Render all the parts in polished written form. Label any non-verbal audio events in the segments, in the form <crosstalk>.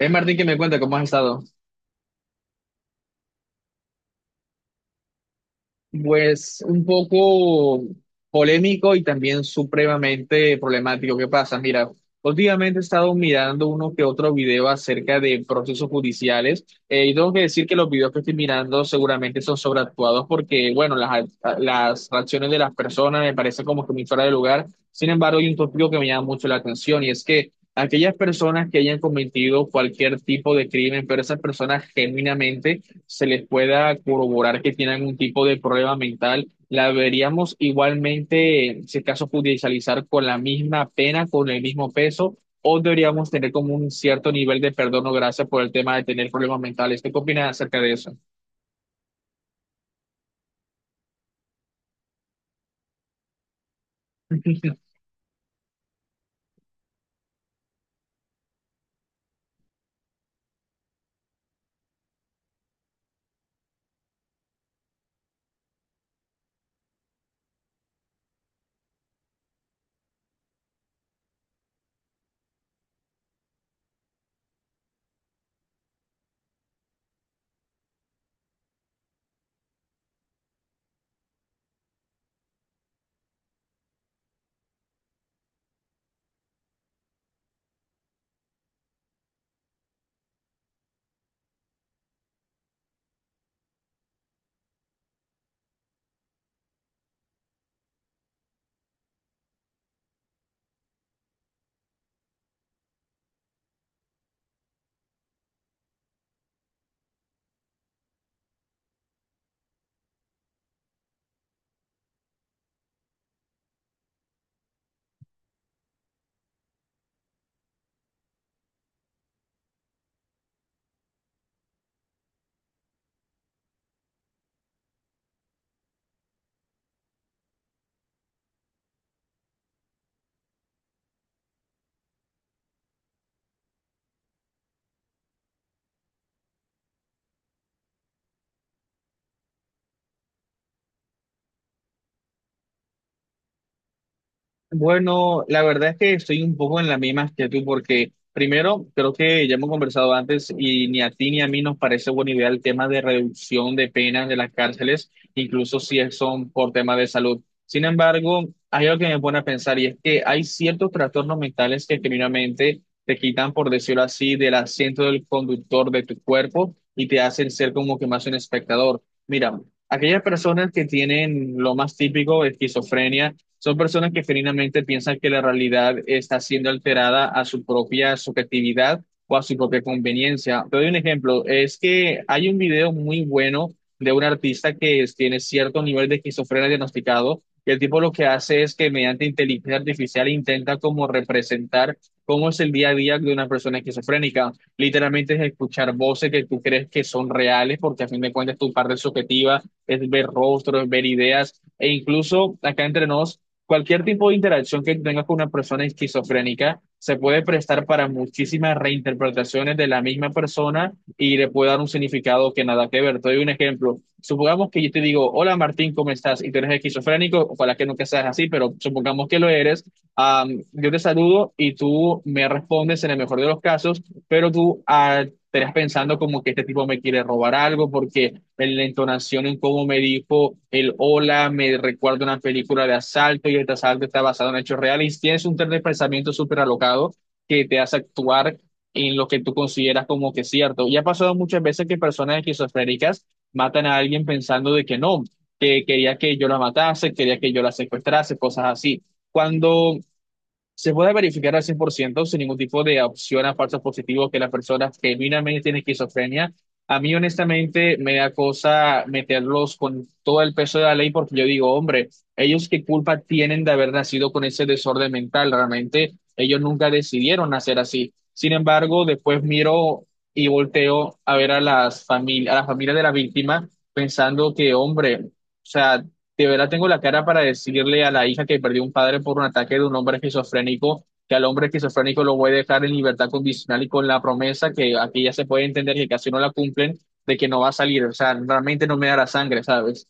Martín, que me cuenta cómo has estado. Pues un poco polémico y también supremamente problemático. ¿Qué pasa? Mira, últimamente he estado mirando uno que otro video acerca de procesos judiciales, y tengo que decir que los videos que estoy mirando seguramente son sobreactuados porque, bueno, las reacciones de las personas me parecen como que muy fuera de lugar. Sin embargo, hay un tópico que me llama mucho la atención y es que aquellas personas que hayan cometido cualquier tipo de crimen, pero esas personas genuinamente se les pueda corroborar que tiene algún tipo de problema mental, la deberíamos igualmente, si es caso, judicializar con la misma pena, con el mismo peso, o deberíamos tener como un cierto nivel de perdón o gracia por el tema de tener problemas mentales. ¿Tú? ¿Qué opinas acerca de eso? <laughs> Bueno, la verdad es que estoy un poco en la misma que tú, porque primero, creo que ya hemos conversado antes y ni a ti ni a mí nos parece buena idea el tema de reducción de penas de las cárceles, incluso si es- son por temas de salud. Sin embargo, hay algo que me pone a pensar y es que hay ciertos trastornos mentales que genuinamente te quitan, por decirlo así, del asiento del conductor de tu cuerpo y te hacen ser como que más un espectador. Mira, aquellas personas que tienen lo más típico, esquizofrenia, son personas que genuinamente piensan que la realidad está siendo alterada a su propia subjetividad o a su propia conveniencia. Te doy un ejemplo, es que hay un video muy bueno de un artista tiene cierto nivel de esquizofrenia diagnosticado, y el tipo lo que hace es que mediante inteligencia artificial intenta como representar cómo es el día a día de una persona esquizofrénica. Literalmente es escuchar voces que tú crees que son reales, porque a fin de cuentas tu parte subjetiva es ver rostros, ver ideas, e incluso acá entre nos. Cualquier tipo de interacción que tengas con una persona esquizofrénica se puede prestar para muchísimas reinterpretaciones de la misma persona y le puede dar un significado que nada que ver. Te doy un ejemplo. Supongamos que yo te digo, hola Martín, ¿cómo estás? Y tú eres esquizofrénico, ojalá que nunca seas así, pero supongamos que lo eres. Yo te saludo y tú me respondes en el mejor de los casos, pero tú, estarás pensando como que este tipo me quiere robar algo porque en la entonación en cómo me dijo el hola, me recuerda una película de asalto y este asalto está basado en hechos reales. Tienes un tren de pensamiento súper alocado que te hace actuar en lo que tú consideras como que es cierto. Y ha pasado muchas veces que personas esquizofrénicas matan a alguien pensando de que no, que quería que yo la matase, quería que yo la secuestrase, cosas así. Cuando se puede verificar al 100% sin ningún tipo de opción a falsos positivos que la persona genuinamente tiene esquizofrenia. A mí, honestamente, me da cosa meterlos con todo el peso de la ley porque yo digo, hombre, ellos qué culpa tienen de haber nacido con ese desorden mental. Realmente, ellos nunca decidieron nacer así. Sin embargo, después miro y volteo a ver a las familias, a la familia de la víctima pensando que, hombre, o sea, de verdad tengo la cara para decirle a la hija que perdió un padre por un ataque de un hombre esquizofrénico, que al hombre esquizofrénico lo voy a dejar en libertad condicional y con la promesa que aquí ya se puede entender que casi no la cumplen, de que no va a salir. O sea, realmente no me da la sangre, ¿sabes?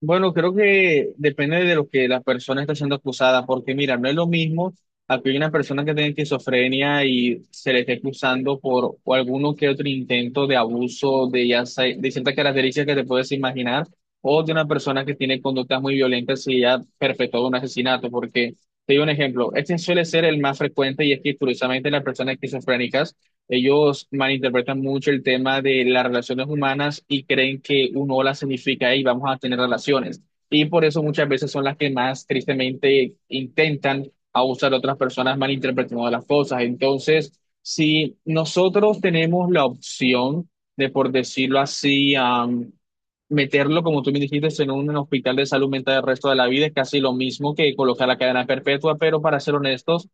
Bueno, creo que depende de lo que la persona está siendo acusada, porque mira, no es lo mismo a que una persona que tenga esquizofrenia y se le esté acusando por o alguno que otro intento de abuso de ciertas características que te puedes imaginar, o de una persona que tiene conductas muy violentas y ya perpetró un asesinato, porque te doy un ejemplo, este suele ser el más frecuente y es que curiosamente las personas esquizofrénicas ellos malinterpretan mucho el tema de las relaciones humanas y creen que un hola significa, y vamos a tener relaciones. Y por eso muchas veces son las que más tristemente intentan abusar a otras personas malinterpretando las cosas. Entonces, si nosotros tenemos la opción de, por decirlo así, meterlo, como tú me dijiste, en un hospital de salud mental el resto de la vida, es casi lo mismo que colocar la cadena perpetua, pero para ser honestos,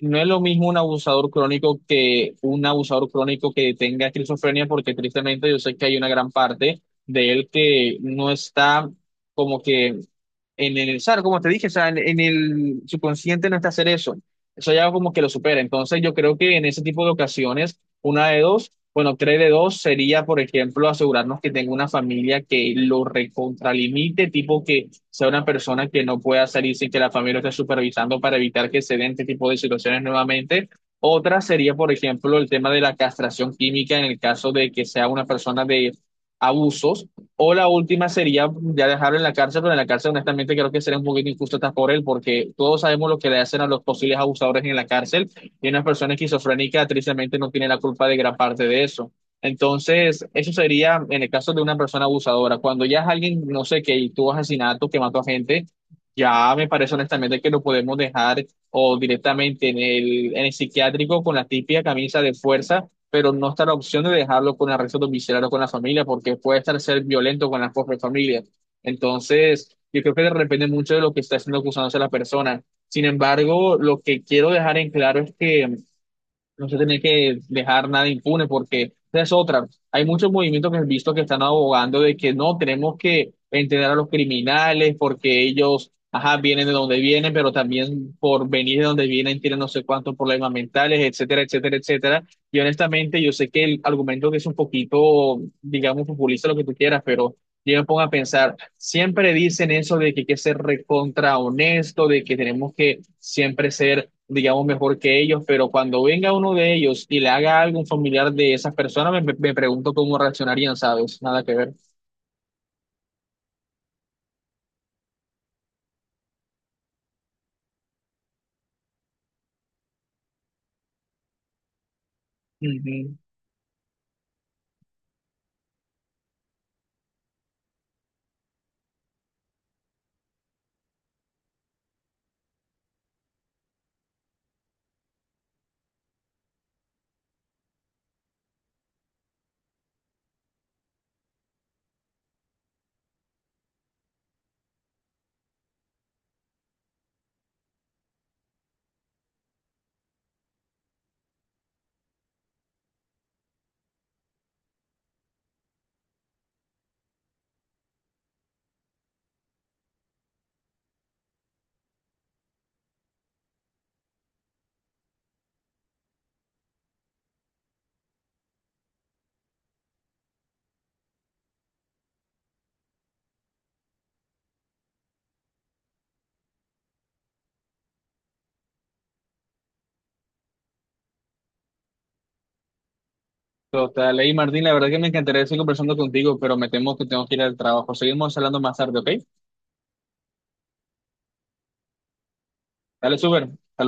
no es lo mismo un abusador crónico que un abusador crónico que tenga esquizofrenia, porque tristemente yo sé que hay una gran parte de él que no está como que en el, ¿sabes? Como te dije, o sea, en el subconsciente no está hacer eso. Eso ya como que lo supera. Entonces, yo creo que en ese tipo de ocasiones, una de dos, bueno, tres de dos sería, por ejemplo, asegurarnos que tenga una familia que lo recontralimite, tipo que sea una persona que no pueda salir sin que la familia lo esté supervisando para evitar que se den este tipo de situaciones nuevamente. Otra sería, por ejemplo, el tema de la castración química en el caso de que sea una persona de abusos o la última sería ya dejarlo en la cárcel, pero en la cárcel honestamente creo que sería un poquito injusto hasta por él, porque todos sabemos lo que le hacen a los posibles abusadores en la cárcel y una persona esquizofrénica tristemente no tiene la culpa de gran parte de eso. Entonces, eso sería en el caso de una persona abusadora. Cuando ya es alguien, no sé, que tuvo asesinato, que mató a gente, ya me parece honestamente que lo podemos dejar o directamente en en el psiquiátrico con la típica camisa de fuerza, pero no está la opción de dejarlo con arresto domiciliario con la familia, porque puede estar ser violento con la propia familia. Entonces, yo creo que depende mucho de lo que está siendo acusándose la persona. Sin embargo, lo que quiero dejar en claro es que no se tiene que dejar nada impune porque esa es otra. Hay muchos movimientos que he visto que están abogando de que no tenemos que entender a los criminales porque ellos, ajá, vienen de donde vienen, pero también por venir de donde vienen tienen no sé cuántos problemas mentales, etcétera, etcétera, etcétera. Y honestamente, yo sé que el argumento que es un poquito, digamos, populista, lo que tú quieras, pero yo me pongo a pensar, siempre dicen eso de que hay que ser recontra honesto, de que tenemos que siempre ser digamos, mejor que ellos, pero cuando venga uno de ellos y le haga algo a un familiar de esas personas, me pregunto cómo reaccionarían, ¿sabes? Nada que ver. Ujú. Total, ey, Martín, la verdad que me encantaría seguir conversando contigo, pero me temo que tengo que ir al trabajo. Seguimos hablando más tarde, ¿ok? Dale, súper. Hasta